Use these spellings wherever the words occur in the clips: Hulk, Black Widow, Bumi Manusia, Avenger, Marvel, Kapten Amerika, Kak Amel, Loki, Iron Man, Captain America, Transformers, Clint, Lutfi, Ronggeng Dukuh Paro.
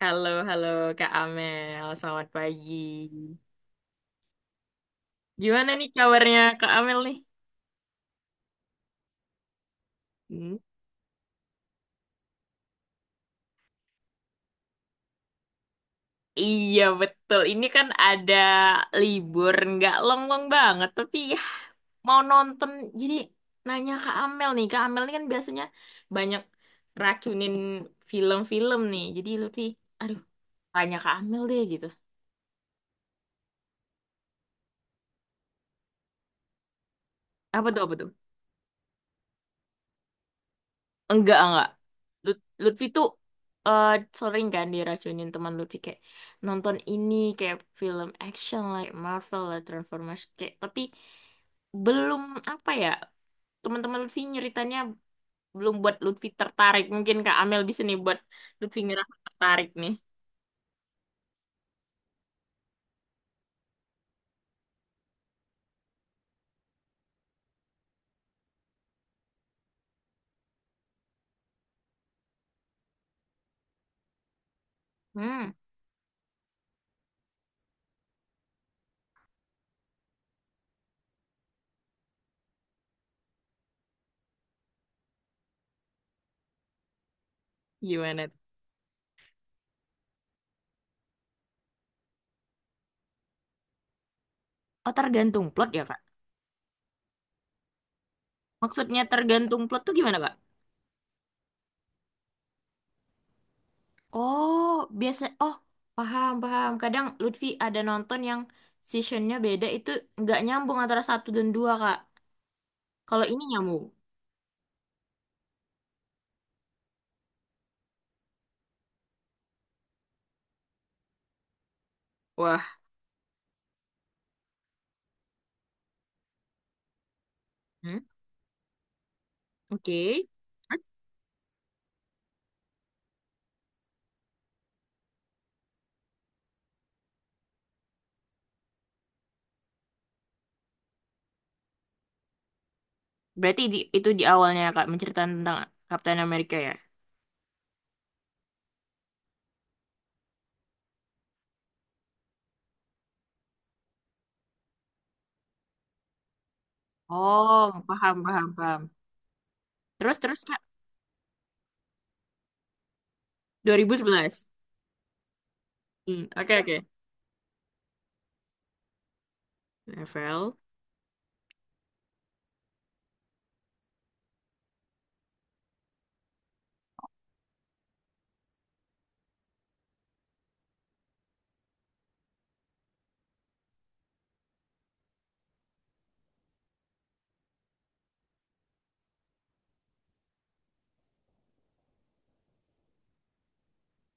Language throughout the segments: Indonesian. Halo, halo Kak Amel. Selamat pagi. Gimana nih kabarnya Kak Amel nih? Hmm. Iya, betul. Ini kan ada libur, nggak long-long banget. Tapi ya, mau nonton. Jadi nanya Kak Amel nih. Kak Amel ini kan biasanya banyak racunin film-film nih. Jadi Lutfi, aduh, tanya Kak Amel deh gitu. Apa tuh, apa tuh? Enggak, enggak. Lutfi tuh eh, sering kan diracunin teman Lutfi kayak nonton ini kayak film action like Marvel lah Transformers kayak tapi belum apa ya teman-teman Lutfi nyeritanya belum buat Lutfi tertarik, mungkin Kak Amel bisa nih buat Lutfi ngerasa tertarik nih. hmm Gimana? Oh, tergantung plot ya, Kak? Maksudnya tergantung plot tuh gimana, Kak? Oh, biasa. Oh, paham, paham. Kadang Lutfi ada nonton yang seasonnya beda itu nggak nyambung antara satu dan dua, Kak. Kalau ini nyambung. Wah, hmm, oke. Terus? Berarti di, itu di awalnya, Kak, menceritakan tentang Kapten Amerika ya? Oh, paham, paham, paham. Terus, terus, Kak, 2011. Hmm, oke, oke. Novel.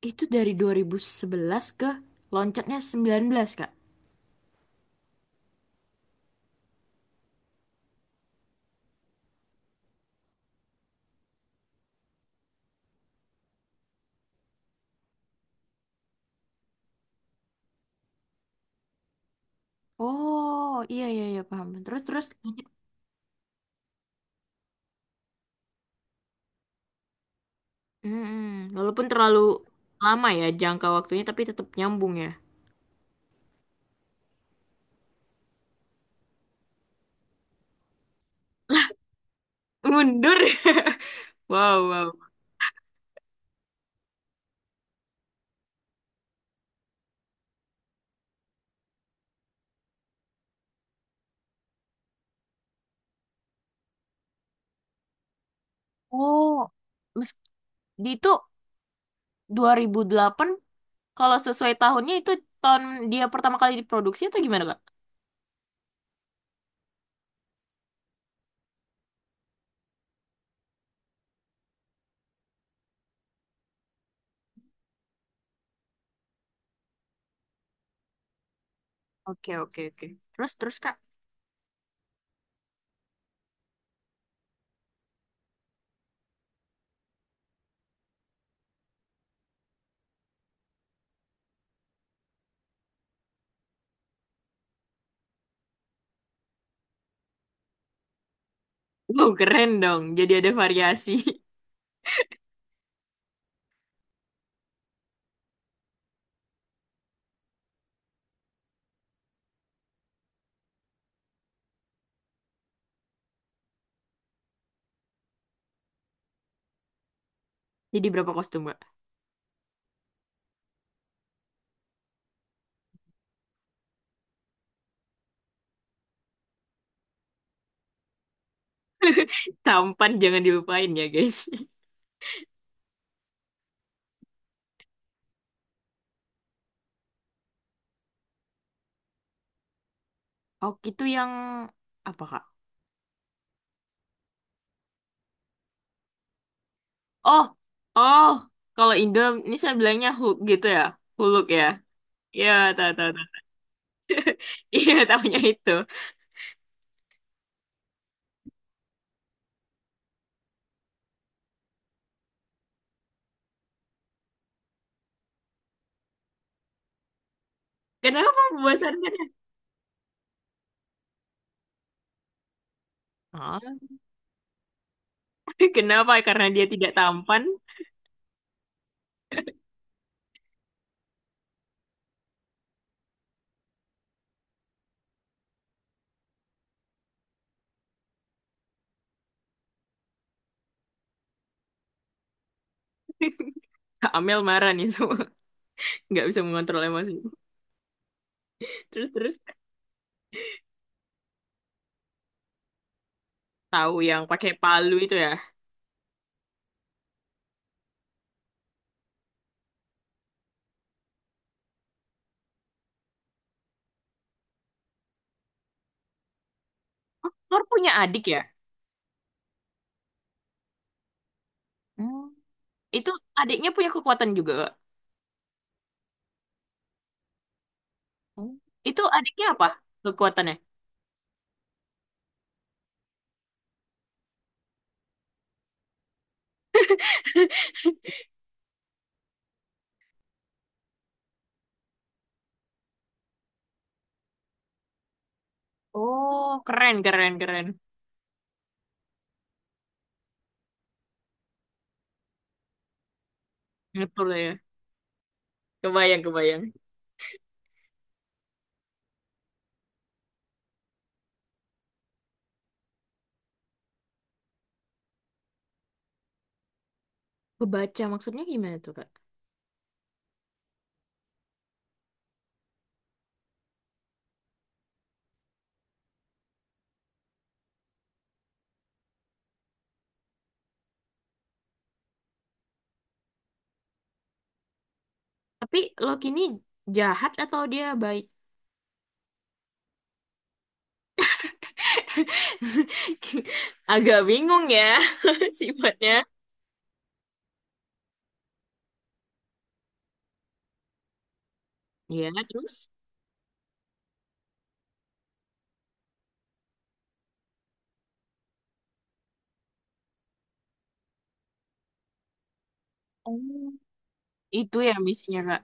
Itu dari 2011 ke loncatnya 19, Kak. Oh, iya, iya, iya, paham. Terus, terus. Mm-mm. Walaupun terlalu lama ya jangka waktunya, tapi tetap nyambung ya. Mundur. Wow, wow. Oh, mes- di itu 2008 kalau sesuai tahunnya itu tahun dia pertama kali diproduksi atau gimana, Kak? Oke, oke, oke. Terus terus, Kak. Wow, keren dong. Jadi ada variasi. Jadi berapa kostum, Kak? Tampan jangan dilupain ya, guys. Oh, itu yang apa, Kak? Oh, oh. Kalau Indo ini saya bilangnya Hulk gitu ya. Hulk ya. Iya, tahu tahu tahu. Iya, tahunya itu. Kenapa membosankan? Ah, Kenapa? Karena dia tidak tampan. Kak Amel marah nih semua. Nggak bisa mengontrol emosi. Terus terus tahu yang pakai palu itu ya. Nur punya adik ya? Hmm. Itu adiknya punya kekuatan juga, Kak. Oh, itu adiknya apa? Kekuatannya? Oh, keren keren keren. Betul ya. Kebayang kebayang. Kebaca maksudnya gimana tuh, Kak? Tapi Loki ini jahat atau dia baik? Agak bingung ya sifatnya. Iya, terus. Oh. Itu ya misinya, Kak.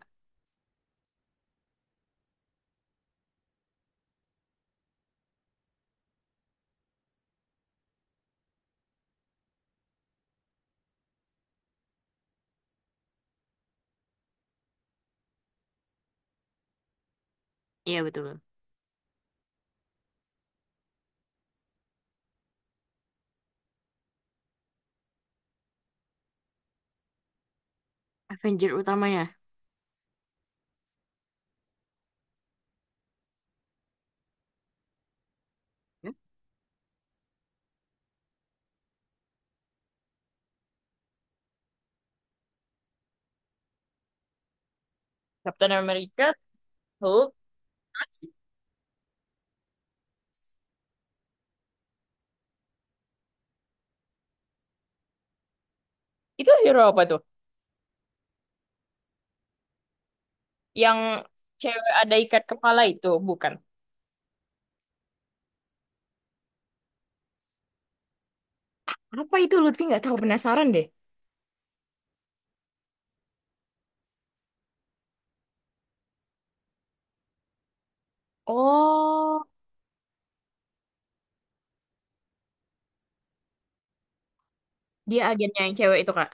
Iya betul. Avenger utamanya. Ya. Captain America, Hulk, itu hero apa tuh? Yang cewek ada ikat kepala itu, bukan? Apa itu Lutfi nggak tahu penasaran deh. Oh, dia agennya yang cewek itu, Kak.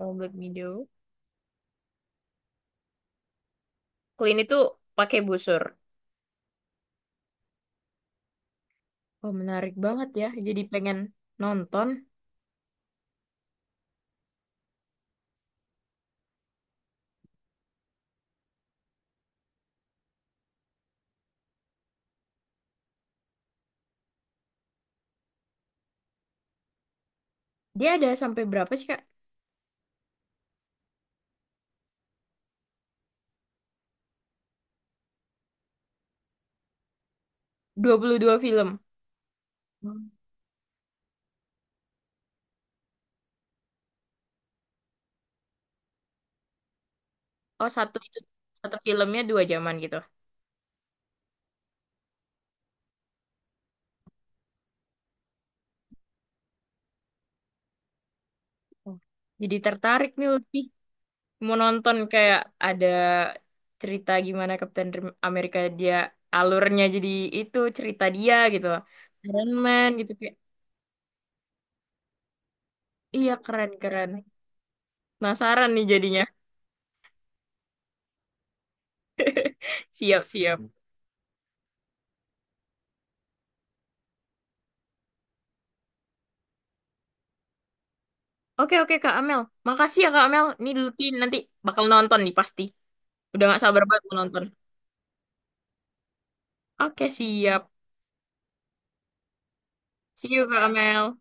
Oh, Black Widow. Clint itu pakai busur. Oh, menarik banget ya. Jadi pengen nonton. Dia ada sampai berapa sih, Kak? 22 film. Hmm. Oh, satu itu satu filmnya dua jaman gitu. Oh. Jadi tertarik nih lebih mau nonton kayak ada cerita gimana Kapten Rim- Amerika dia alurnya jadi itu cerita dia gitu. Iron Man gitu kayak. Iya keren-keren. Penasaran nih jadinya. Siap-siap. Oke oke Kak Amel. Makasih ya Kak Amel. Ini Lutfi nanti bakal nonton nih pasti. Udah gak sabar banget mau nonton. Oke siap. See you Kak Amel.